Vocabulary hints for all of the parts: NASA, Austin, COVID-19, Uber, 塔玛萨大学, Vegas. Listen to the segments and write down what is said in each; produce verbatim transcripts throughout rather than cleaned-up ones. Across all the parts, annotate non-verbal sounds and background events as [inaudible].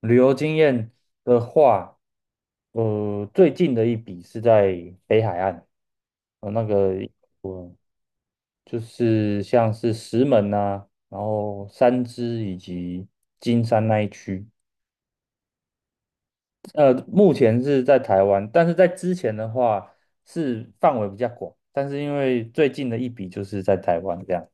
旅游经验的话，呃，最近的一笔是在北海岸，呃，那个就是像是石门呐，然后三芝以及金山那一区，呃，目前是在台湾，但是在之前的话是范围比较广，但是因为最近的一笔就是在台湾这样。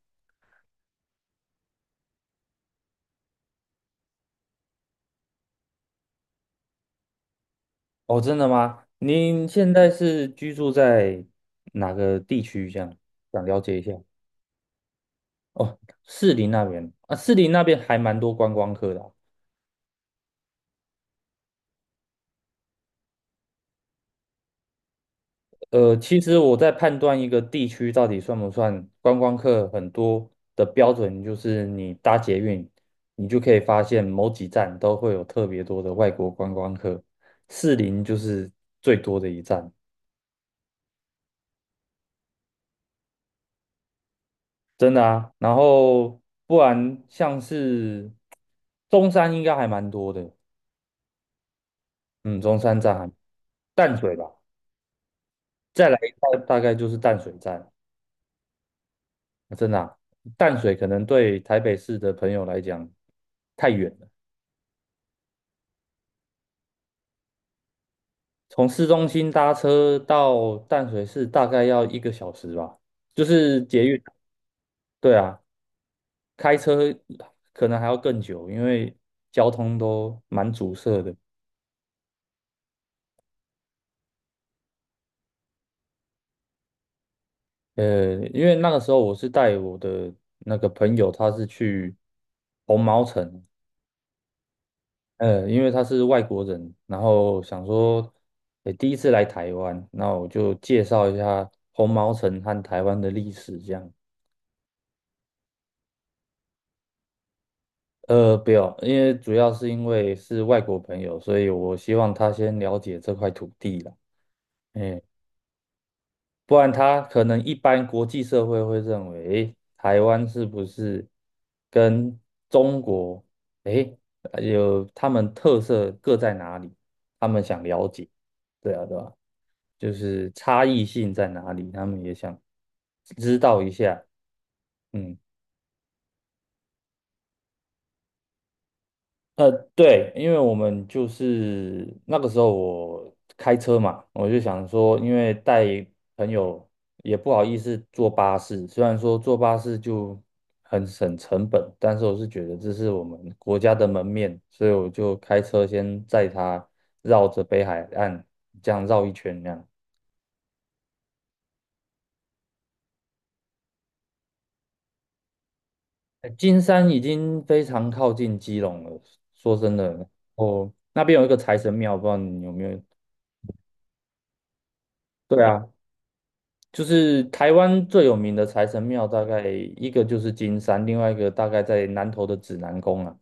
哦，真的吗？您现在是居住在哪个地区？这样想了解一下。哦，士林那边啊，士林那边还蛮多观光客的啊。呃，其实我在判断一个地区到底算不算观光客很多的标准，就是你搭捷运，你就可以发现某几站都会有特别多的外国观光客，士林就是最多的一站，真的啊。然后不然像是中山应该还蛮多的。嗯，中山站。还淡水吧，再来一大大概就是淡水站。啊，真的啊。淡水可能对台北市的朋友来讲太远了，从市中心搭车到淡水市大概要一个小时吧，就是捷运。对啊，开车可能还要更久，因为交通都蛮阻塞的。呃，因为那个时候我是带我的那个朋友，他是去红毛城，呃，因为他是外国人，然后想说，呃，第一次来台湾，那我就介绍一下红毛城和台湾的历史，这样。呃，不要，因为主要是因为是外国朋友，所以我希望他先了解这块土地啦。哎，不然他可能一般国际社会会认为，哎，台湾是不是跟中国，哎，有他们特色各在哪里？他们想了解，对啊，对啊。就是差异性在哪里，他们也想知道一下。嗯，呃，对，因为我们就是那个时候我开车嘛，我就想说，因为带朋友也不好意思坐巴士，虽然说坐巴士就很省成本，但是我是觉得这是我们国家的门面，所以我就开车先载他绕着北海岸这样绕一圈那样。哎，金山已经非常靠近基隆了。说真的，哦，那边有一个财神庙，不知道你有没有？对啊，就是台湾最有名的财神庙，大概一个就是金山，另外一个大概在南投的指南宫啊。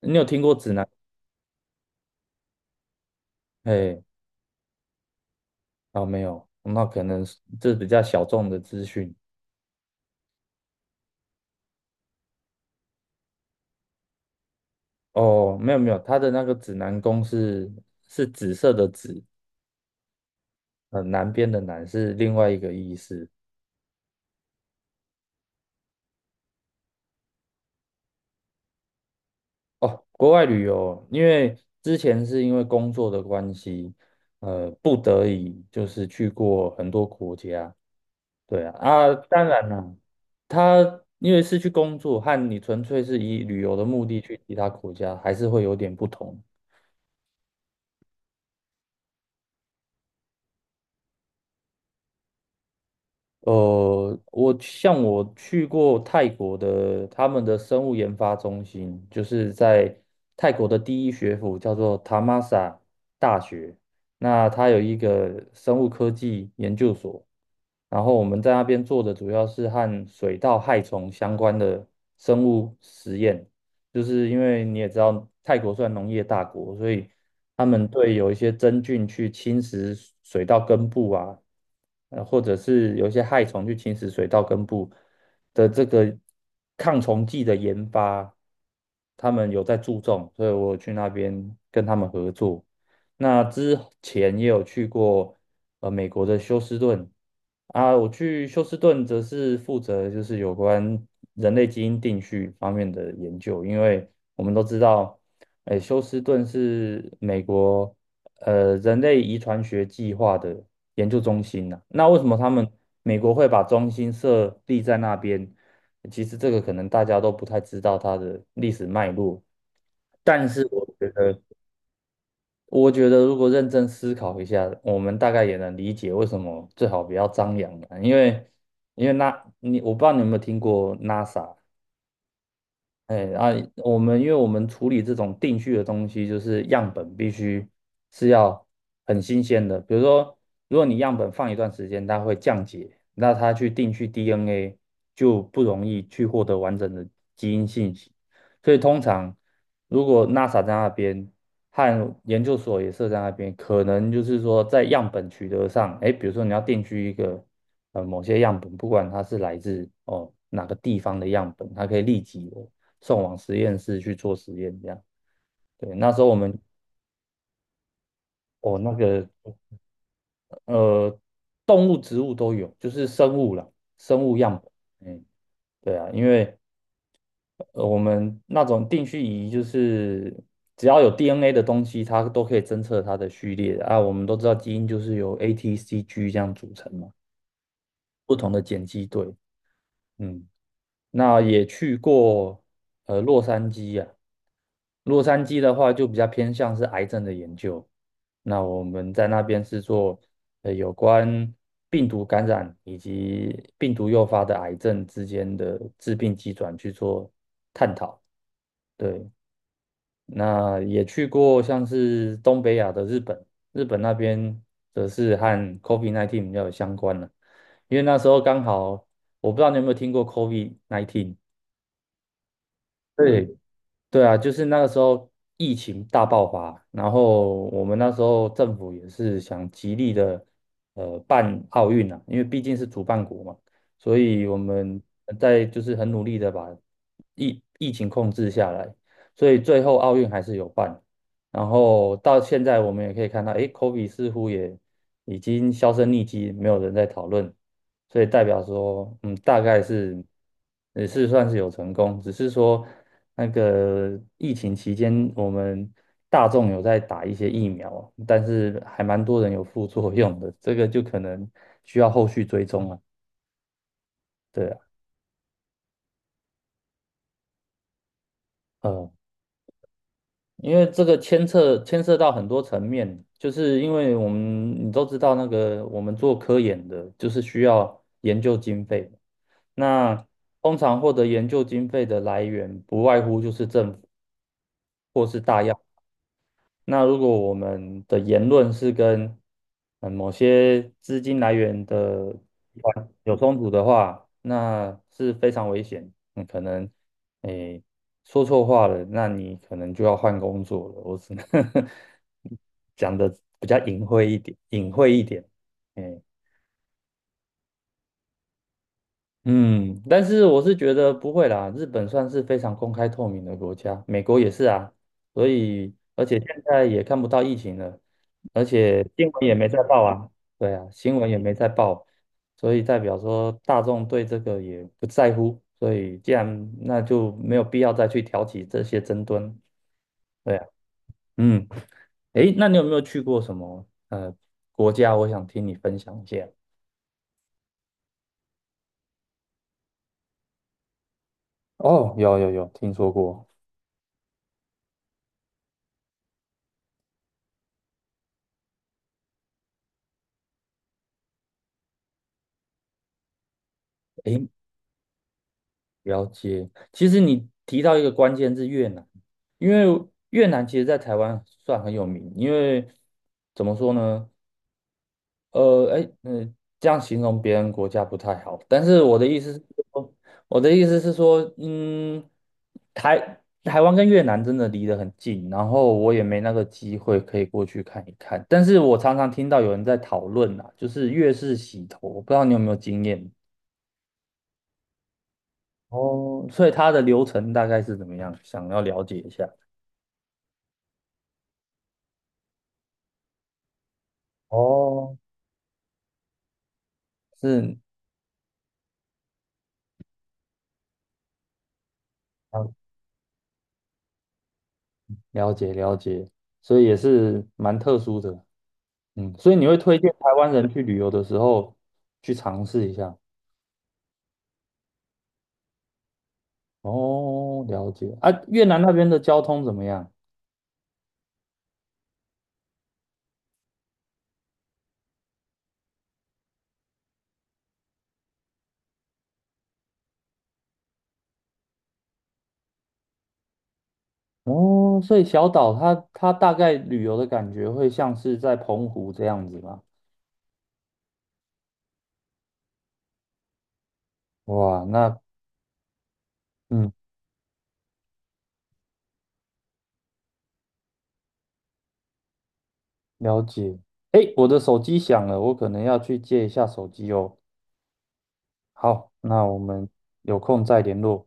你有听过指南？哎，哦，没有，那可能是这比较小众的资讯。哦，没有没有，它的那个指南宫是是紫色的紫，呃，南边的南是另外一个意思。哦，国外旅游，因为之前是因为工作的关系，呃，不得已就是去过很多国家。对啊，啊，当然了，他因为是去工作，和你纯粹是以旅游的目的去其他国家，还是会有点不同。呃，我像我去过泰国的，他们的生物研发中心就是在泰国的第一学府，叫做塔玛萨大学。那它有一个生物科技研究所，然后我们在那边做的主要是和水稻害虫相关的生物实验，就是因为你也知道泰国算农业大国，所以他们嗯对有一些真菌去侵蚀水稻根部啊。呃，或者是有一些害虫去侵蚀水稻根部的这个抗虫剂的研发，他们有在注重，所以我有去那边跟他们合作。那之前也有去过呃美国的休斯顿啊，我去休斯顿则是负责就是有关人类基因定序方面的研究，因为我们都知道，哎，休斯顿是美国呃人类遗传学计划的研究中心呐，那为什么他们美国会把中心设立在那边？其实这个可能大家都不太知道它的历史脉络，但是我觉得，我觉得如果认真思考一下，我们大概也能理解为什么最好不要张扬了，因为因为那你我不知道你有没有听过 NASA，哎啊，我们因为我们处理这种定序的东西，就是样本必须是要很新鲜的。比如说，如果你样本放一段时间，它会降解，那它去定序 D N A 就不容易去获得完整的基因信息。所以通常，如果 NASA 在那边和研究所也设在那边，可能就是说在样本取得上，哎，比如说你要定居一个呃某些样本，不管它是来自哦哪个地方的样本，它可以立即送往实验室去做实验，这样。对，那时候我们。哦，那个呃，动物、植物都有，就是生物啦，生物样本。嗯，对啊，因为呃我们那种定序仪就是只要有 D N A 的东西，它都可以侦测它的序列啊。我们都知道基因就是由 A、T、C、G 这样组成嘛，不同的碱基对。嗯，那也去过呃洛杉矶呀。洛杉矶的话就比较偏向是癌症的研究，那我们在那边是做呃有关病毒感染以及病毒诱发的癌症之间的致病机转去做。对，那也去过像是东北亚的日本，日本那边则是和 COVID nineteen 比较有相关了，因为那时候刚好我不知道你有没有听过 COVID nineteen，对，对啊，就是那个时候疫情大爆发，然后我们那时候政府也是想极力的呃办奥运啊，因为毕竟是主办国嘛，所以我们在就是很努力的把疫疫情控制下来，所以最后奥运还是有办。然后到现在我们也可以看到，哎，k o b e 似乎也已经销声匿迹，没有人在讨论，所以代表说，嗯，大概是也是算是有成功，只是说那个疫情期间，我们大众有在打一些疫苗，但是还蛮多人有副作用的，这个就可能需要后续追踪了。对啊，呃，因为这个牵涉牵涉到很多层面，就是因为我们你都知道，那个我们做科研的，就是需要研究经费。那通常获得研究经费的来源，不外乎就是政府。或是大药。那如果我们的言论是跟嗯某些资金来源的集团有冲突的话，那是非常危险。你可能诶说错话了，那你可能就要换工作了。我只能 [laughs] 讲的比较隐晦一点，隐晦一点。诶嗯，但是我是觉得不会啦，日本算是非常公开透明的国家，美国也是啊，所以而且现在也看不到疫情了。而且新闻也没在报啊，对啊，新闻也没在报，所以代表说大众对这个也不在乎，所以既然那就没有必要再去挑起这些争端，对啊，嗯，诶，那你有没有去过什么呃国家？我想听你分享一下。哦，有有有，听说过。诶，了解。其实你提到一个关键字越南，因为越南其实在台湾算很有名，因为怎么说呢？呃，哎，嗯，这样形容别人国家不太好，但是我的意思是说，我的意思是说，嗯，台台湾跟越南真的离得很近，然后我也没那个机会可以过去看一看，但是我常常听到有人在讨论啊，就是越式洗头，我不知道你有没有经验。哦，所以它的流程大概是怎么样，想要了解一下。哦，是了了解了解，所以也是蛮特殊的。嗯，所以你会推荐台湾人去旅游的时候去尝试一下。哦，了解。啊，越南那边的交通怎么样？哦，所以小岛它它大概旅游的感觉会像是在澎湖这样子吗？哇，那嗯，了解。诶，我的手机响了，我可能要去接一下手机哦。好，那我们有空再联络。